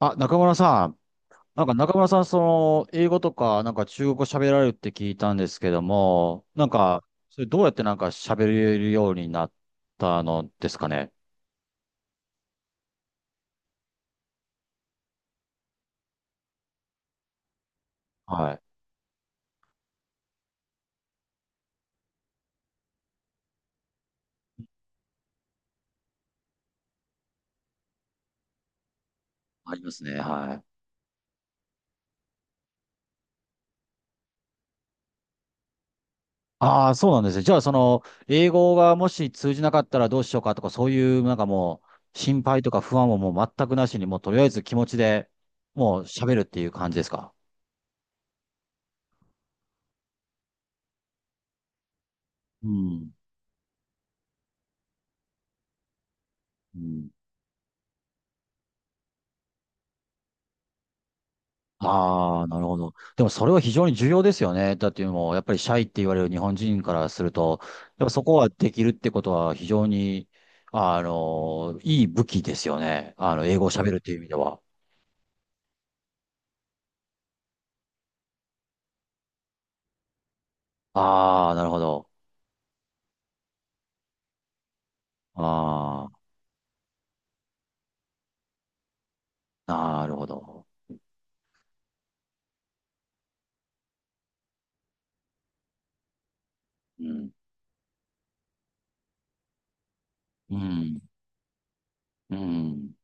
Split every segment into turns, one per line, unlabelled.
あ、中村さん。中村さん、英語とか、中国語喋られるって聞いたんですけども、それどうやって喋れるようになったのですかね。はい。ありますね。はい。ああ、そうなんですね。じゃあ、英語がもし通じなかったらどうしようかとか、そういう、なんかもう、心配とか不安をもう全くなしに、もうとりあえず気持ちでもう喋るっていう感じですか。うん。うん。ああ、なるほど。でもそれは非常に重要ですよね。だってもう、やっぱりシャイって言われる日本人からすると、やっぱそこはできるってことは非常に、いい武器ですよね。英語を喋るっていう意味では。ああ、なるほど。ああ、なるほど。うん。うん。うん。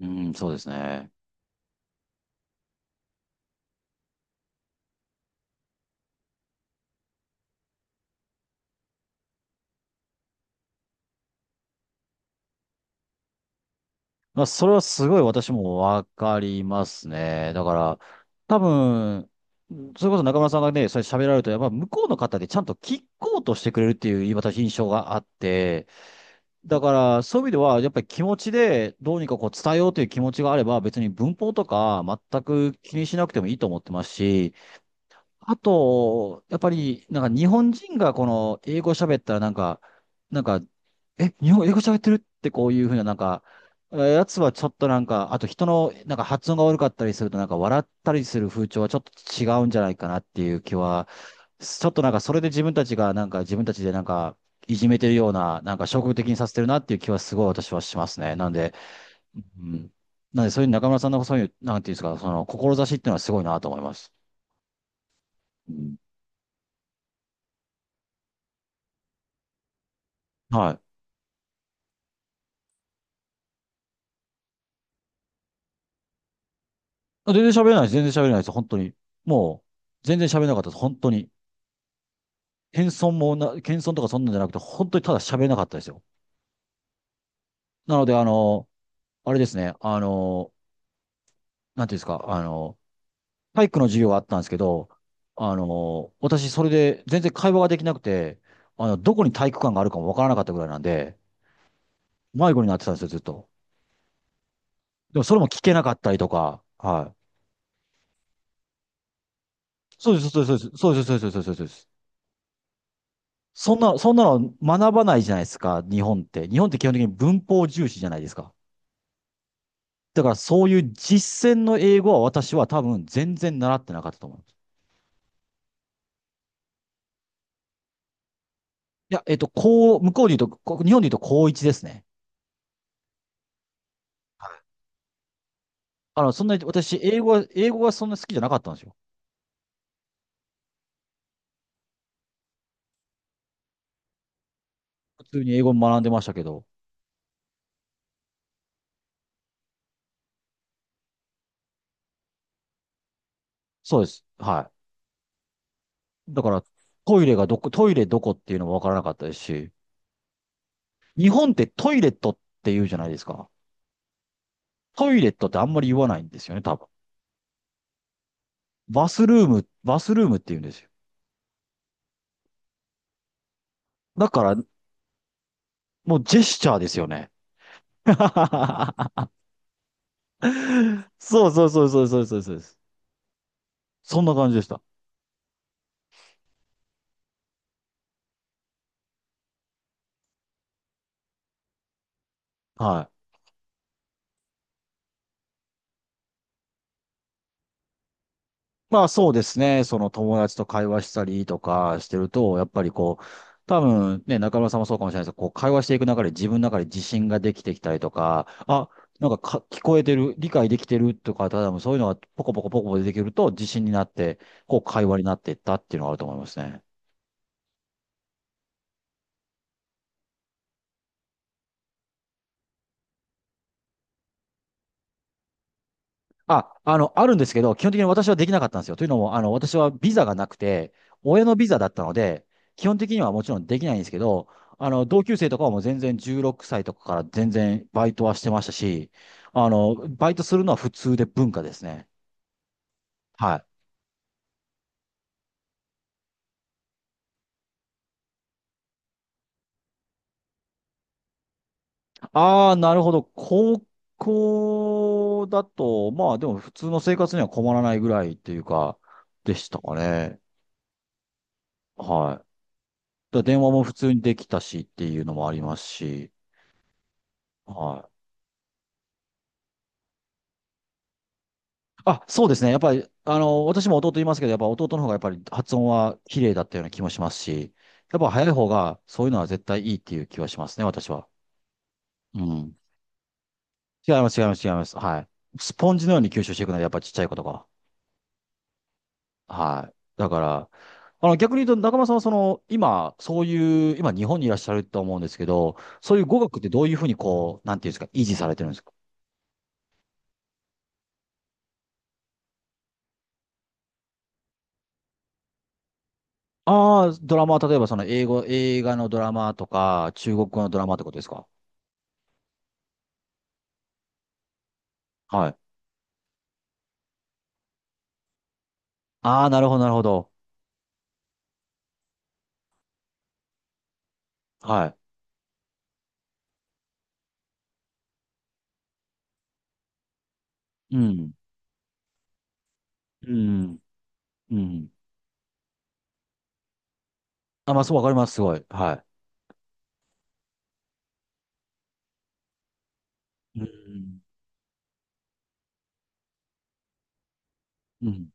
うん、そうですね。まあ、それはすごい私もわかりますね。だから、多分、それこそ中村さんがね、それ喋られると、やっぱ向こうの方でちゃんと聞こうとしてくれるっていう、私印象があって、だから、そういう意味では、やっぱり気持ちでどうにかこう伝えようという気持ちがあれば、別に文法とか全く気にしなくてもいいと思ってますし、あと、やっぱり、日本人がこの英語喋ったらなんか、え、日本英語喋ってるってこういうふうなやつはちょっとあと人の発音が悪かったりすると笑ったりする風潮はちょっと違うんじゃないかなっていう気は、ちょっとそれで自分たちが自分たちでいじめてるような、消極的にさせてるなっていう気はすごい私はしますね。なんで、うん。なんでそういう中村さんのそういう、なんていうんですか、その志っていうのはすごいなと思います。うんはい。全然喋れないです。全然喋れないです。本当に。もう、全然喋れなかったです。本当に。謙遜とかそんなんじゃなくて、本当にただ喋れなかったですよ。なので、あれですね。なんていうんですか。体育の授業があったんですけど、私、それで全然会話ができなくて、どこに体育館があるかもわからなかったぐらいなんで、迷子になってたんですよ、ずっと。でも、それも聞けなかったりとか、はい。そうです、そうです、そうです、そうです、そうです、そうです。そうです。そんな、そんなの学ばないじゃないですか、日本って。日本って基本的に文法重視じゃないですか。だからそういう実践の英語は私は多分全然習ってなかったと思います。いや、こう、向こうで言うと、日本で言うと高一ですね。そんなに私、英語がそんな好きじゃなかったんですよ。普通に英語学んでましたけど。そうです。はい。だから、トイレどこっていうのもわからなかったですし、日本ってトイレットって言うじゃないですか。トイレットってあんまり言わないんですよね、多分。バスルームって言うんですよ。だから、もうジェスチャーですよね。そうそうそうそうそうそうそうです。そんな感じでした。はい。まあそうですね。その友達と会話したりとかしてると、やっぱりこう、多分ね、中村さんもそうかもしれないですけど、こう会話していく中で自分の中で自信ができてきたりとか、あ、聞こえてる、理解できてるとか、多分そういうのがポコポコポコポコ出てくると自信になって、こう会話になっていったっていうのがあると思いますね。あ、あるんですけど、基本的に私はできなかったんですよ。というのも、私はビザがなくて、親のビザだったので、基本的にはもちろんできないんですけど、同級生とかはもう全然16歳とかから全然バイトはしてましたし、バイトするのは普通で文化ですね。はい。ああ、なるほど。高校だと、まあでも普通の生活には困らないぐらいっていうか、でしたかね。はい。だから電話も普通にできたしっていうのもありますし、はい。あ、そうですね。やっぱり、私も弟いますけど、やっぱ弟の方がやっぱり発音は綺麗だったような気もしますし、やっぱ早い方がそういうのは絶対いいっていう気はしますね、私は。うん。違います、違います、違います。はい。スポンジのように吸収していくので、やっぱちっちゃいことが。はい。だから、逆に言うと、中村さんはその、今、そういう、今日本にいらっしゃると思うんですけど、そういう語学ってどういうふうにこう、なんていうんですか、維持されてるんですか？ああー、ドラマは例えばその英語、映画のドラマとか、中国語のドラマってことですか？はい。ああ、なるほど、なるほど。はい。うん。うん。うん。あ、まあ、そう、わかります、すごい。はい。うん。うん。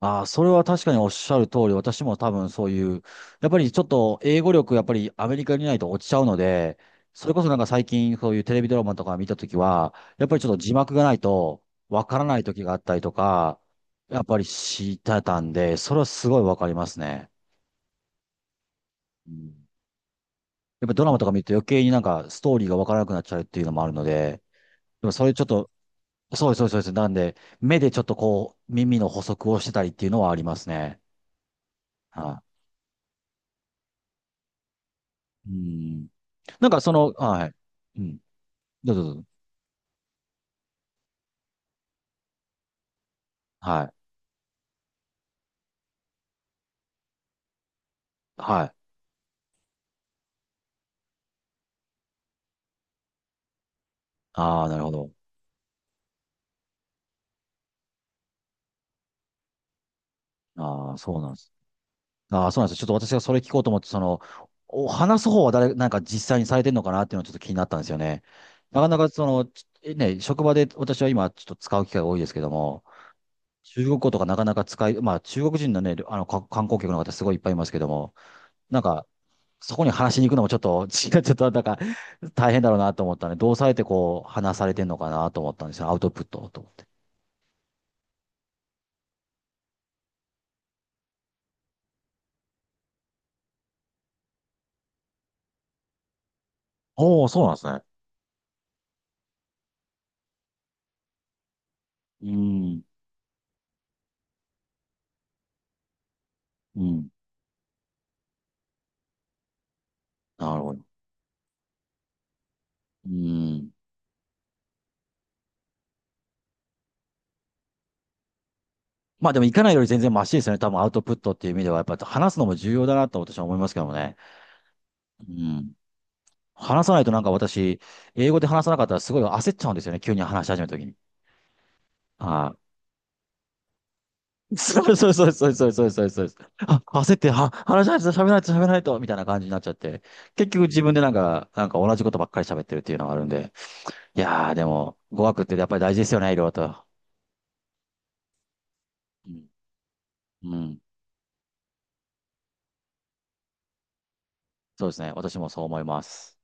ああ、それは確かにおっしゃる通り、私も多分そういう、やっぱりちょっと英語力、やっぱりアメリカにいないと落ちちゃうので、それこそ最近そういうテレビドラマとか見たときは、やっぱりちょっと字幕がないとわからないときがあったりとか、やっぱり知ってたんで、それはすごいわかりますね。うんやっぱドラマとか見ると余計にストーリーがわからなくなっちゃうっていうのもあるので、でもそれちょっとそうです、そうです、そうです。なんで、目でちょっとこう、耳の補足をしてたりっていうのはありますね。はい。うん。はい。うん。どうぞどうぞ。はい。はい。ああ、なるほど。ああ、そうなんです。ああ、そうなんです。ちょっと私がそれ聞こうと思って、お話す方は誰、実際にされてるのかなっていうのはちょっと気になったんですよね。なかなかその、ね、職場で私は今ちょっと使う機会が多いですけども、中国語とかなかなか使い、まあ中国人のね、観光客の方すごいいっぱいいますけども、なんか、そこに話しに行くのもちょっと、ちょっと大変だろうなと思ったので、どうされてこう、話されてんのかなと思ったんですよ。アウトプットと思って。おー、そうなんですね。うん。うん。なるほど。うん。まあでも行かないより全然マシですよね。多分アウトプットっていう意味では、やっぱり話すのも重要だなと私は思いますけどもね。うん。話さないとなんか私、英語で話さなかったらすごい焦っちゃうんですよね。急に話し始めた時に。はいそうそうそうそうそうそうそうそう。あ、焦って、は、話しないと喋らないと喋らないと、みたいな感じになっちゃって。結局自分でなんか、なんか同じことばっかり喋ってるっていうのがあるんで。いやー、でも、語学ってやっぱり大事ですよね、いろいろと。うん。うん。そうですね。私もそう思います。